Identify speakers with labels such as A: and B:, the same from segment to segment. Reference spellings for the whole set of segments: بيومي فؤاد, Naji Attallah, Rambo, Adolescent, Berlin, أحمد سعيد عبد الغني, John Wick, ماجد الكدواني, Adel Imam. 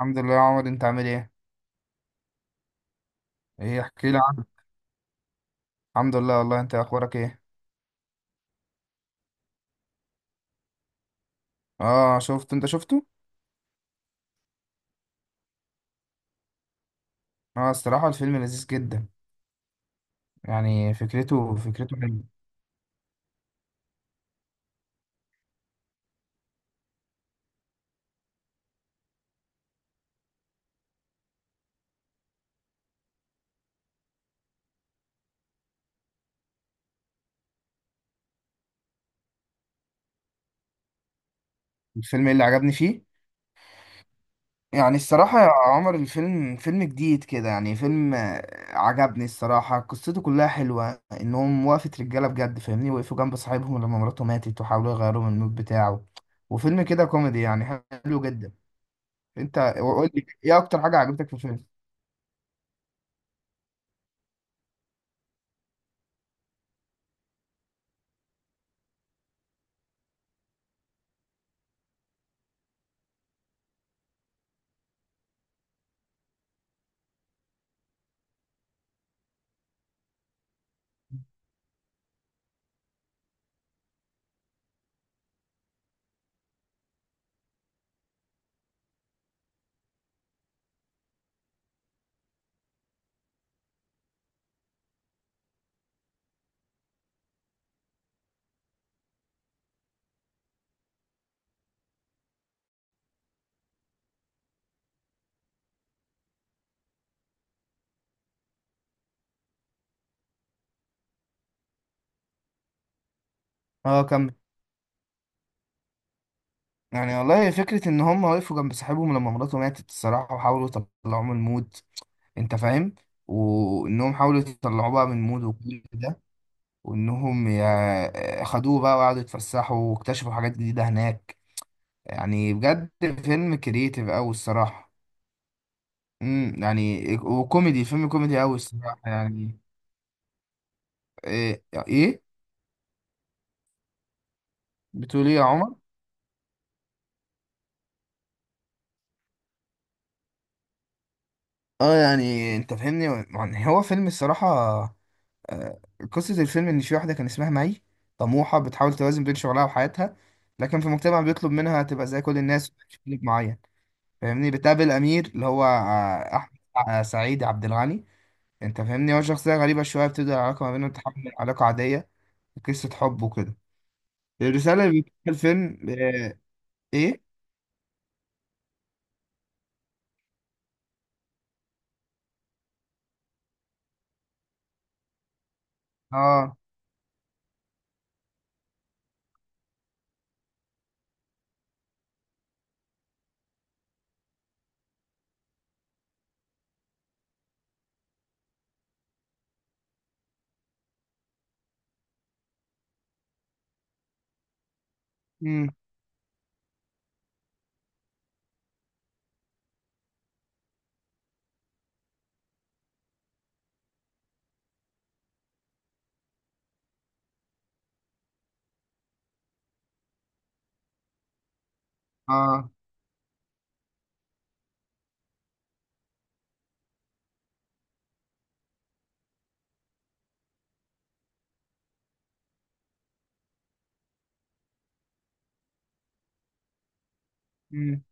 A: الحمد لله يا عمر، انت عامل ايه؟ ايه احكي لي عنه. الحمد لله والله، انت اخبارك ايه؟ اه شفت، انت شفته. اه الصراحه الفيلم لذيذ جدا. يعني فكرته حلوه. الفيلم ايه اللي عجبني فيه؟ يعني الصراحه يا عمر، الفيلم فيلم جديد كده، يعني فيلم عجبني الصراحه. قصته كلها حلوه، انهم وقفه رجاله بجد، فاهمني؟ وقفوا جنب صاحبهم لما مراته ماتت وحاولوا يغيروا من المود بتاعه. وفيلم كده كوميدي، يعني حلو جدا. انت قول لي ايه اكتر حاجه عجبتك في الفيلم. اه كمل. يعني والله فكرة إن هم وقفوا جنب صاحبهم لما مراته ماتت الصراحة، وحاولوا يطلعوه من المود. أنت فاهم؟ وإنهم حاولوا يطلعوه بقى من المود وكل ده، وإنهم خدوه بقى وقعدوا يتفسحوا واكتشفوا حاجات جديدة هناك. يعني بجد فيلم كريتيف أوي الصراحة. يعني وكوميدي، فيلم كوميدي أوي الصراحة يعني. إيه إيه؟ بتقول إيه يا عمر؟ اه يعني انت فاهمني. يعني هو فيلم الصراحة، آه، قصة الفيلم إن في واحدة كان اسمها مي، طموحة بتحاول توازن بين شغلها وحياتها، لكن في مجتمع بيطلب منها تبقى زي كل الناس وتعيش في بيت معين. فاهمني؟ بتقابل أمير اللي هو آه، أحمد آه، سعيد عبد الغني. أنت فاهمني؟ هو شخصية غريبة شوية، بتبدأ العلاقة ما بينهم تحول لعلاقة عادية، قصة حب وكده. الرسالة اللي بتقولها الفيلم آه، إيه؟ آه. مم. آه. مم.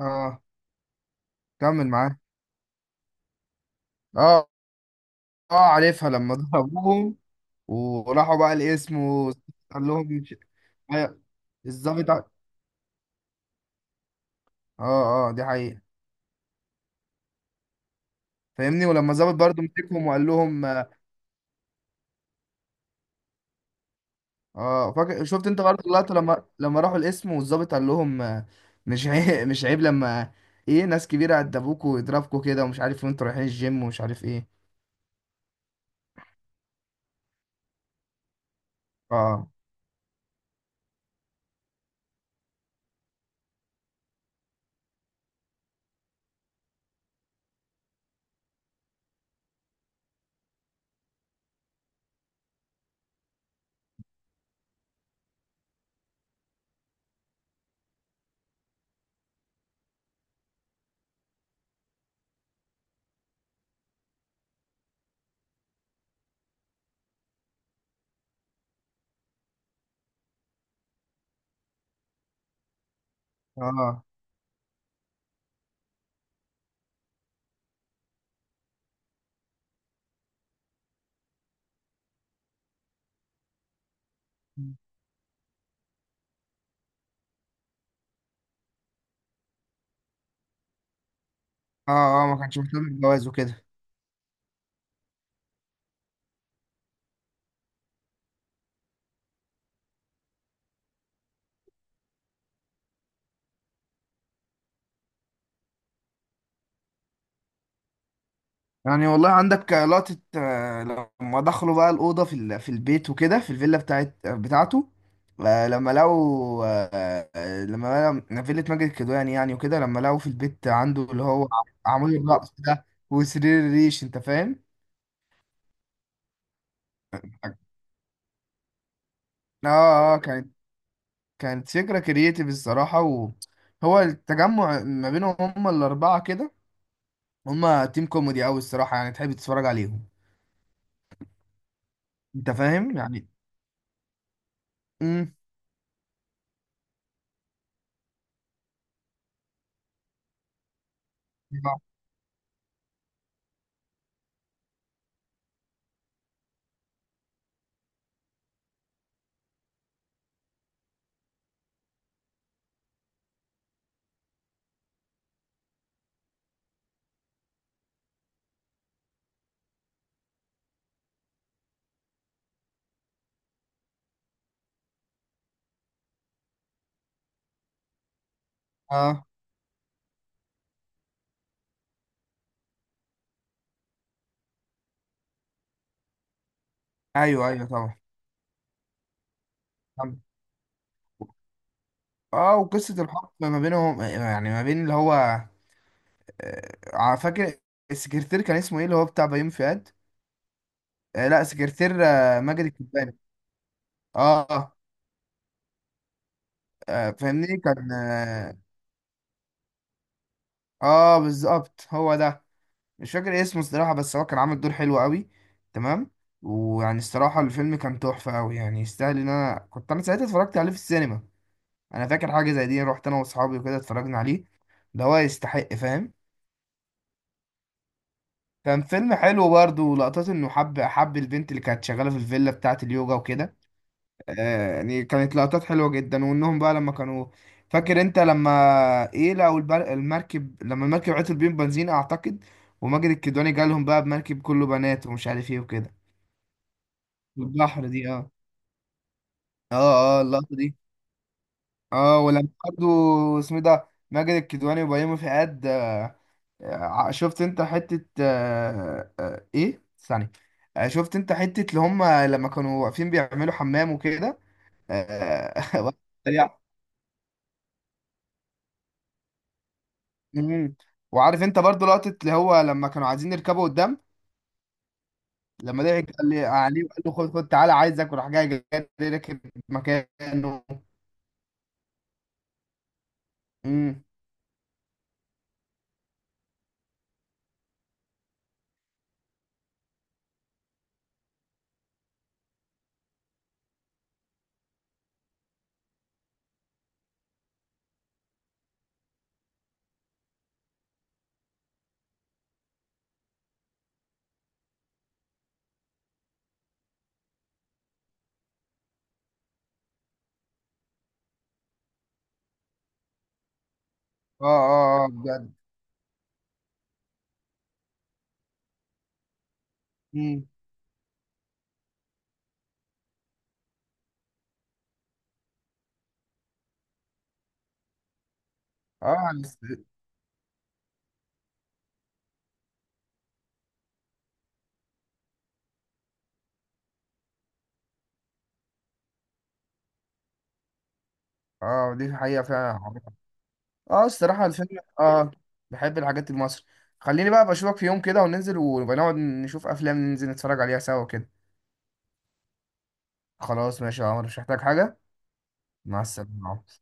A: آه كمل معاه. آه اه عارفها لما ضربوهم. وراحوا بقى الاسم وقال لهم أيوة، الظابط اه اه دي حقيقة. فاهمني ولما الظابط برضه مسكهم وقال لهم. اه فاكر شفت انت برضه اللقطة لما راحوا القسم والظابط قال لهم آه، مش عيب مش عيب لما ايه. ناس كبيرة عدبوكوا ويضربكوا كده ومش عارف إيه، وانتوا رايحين الجيم ومش عارف ايه. اه اه اه. اه ما كانش مهتم بالجواز وكده. يعني والله عندك لقطة آه، لما دخلوا بقى الأوضة في البيت وكده، في الفيلا بتاعته. آه، لما لقوا آه، آه، لما لقوا فيلا ماجد الكدواني يعني، وكده لما لقوا في البيت عنده اللي هو عمود الرأس ده وسرير الريش. أنت فاهم؟ اه اه كانت، كانت فكرة كرييتيف الصراحة. وهو التجمع ما بينهم هما الأربعة كده، هما تيم كوميدي أوي الصراحة، يعني تحب تتفرج عليهم. أنت فاهم؟ يعني امم اه آه، ايوه ايوه طبعا. اه وقصة الحب ما بينهم، يعني ما بين اللي هو آه، فاكر السكرتير كان اسمه ايه اللي هو بتاع بيومي فؤاد. آه لا سكرتير آه، ماجد الكدواني. اه آه، فاهمني كان اه آه، بالظبط هو ده. مش فاكر اسمه الصراحة، بس هو كان عامل دور حلو قوي. تمام. ويعني الصراحة الفيلم كان تحفة قوي يعني، يستاهل ان انا كنت ساعتها اتفرجت عليه في السينما. انا فاكر حاجة زي دي، رحت انا واصحابي وكده اتفرجنا عليه. ده هو يستحق، فاهم؟ كان فيلم حلو برضه، ولقطات انه حب البنت اللي كانت شغاله في الفيلا بتاعه اليوجا وكده. آه، يعني كانت لقطات حلوه جدا. وانهم بقى لما كانوا، فاكر انت لما ايه، لقوا المركب لما المركب عطل بيهم بنزين اعتقد، وماجد الكدواني جالهم بقى بمركب كله بنات ومش عارف ايه وكده، والبحر دي اه. اه اه اللقطه دي. اه ولما برضه اسمه إيه ده ماجد الكدواني وبيومي فؤاد آه، شفت انت حتة آه، آه، ايه ثانية. آه، شفت انت حتة اللي هم لما كانوا واقفين بيعملوا حمام وكده آه، واحد سريع. مم. وعارف انت برضو لقطة اللي هو لما كانوا عايزين يركبوا قدام، لما ضحك قال لي عليه وقال له خد تعالى عايزك، وراح جاي، جاي راكب مكانه. مم. اه اه اه بجد. مم. اه اه دي حقيقة فعلا. اه الصراحة الفيلم اه بحب الحاجات المصري. خليني بقى بشوفك في يوم كده وننزل ونبقى نقعد نشوف افلام، ننزل نتفرج عليها سوا كده. خلاص ماشي يا عمر، مش محتاج حاجة. مع السلامة.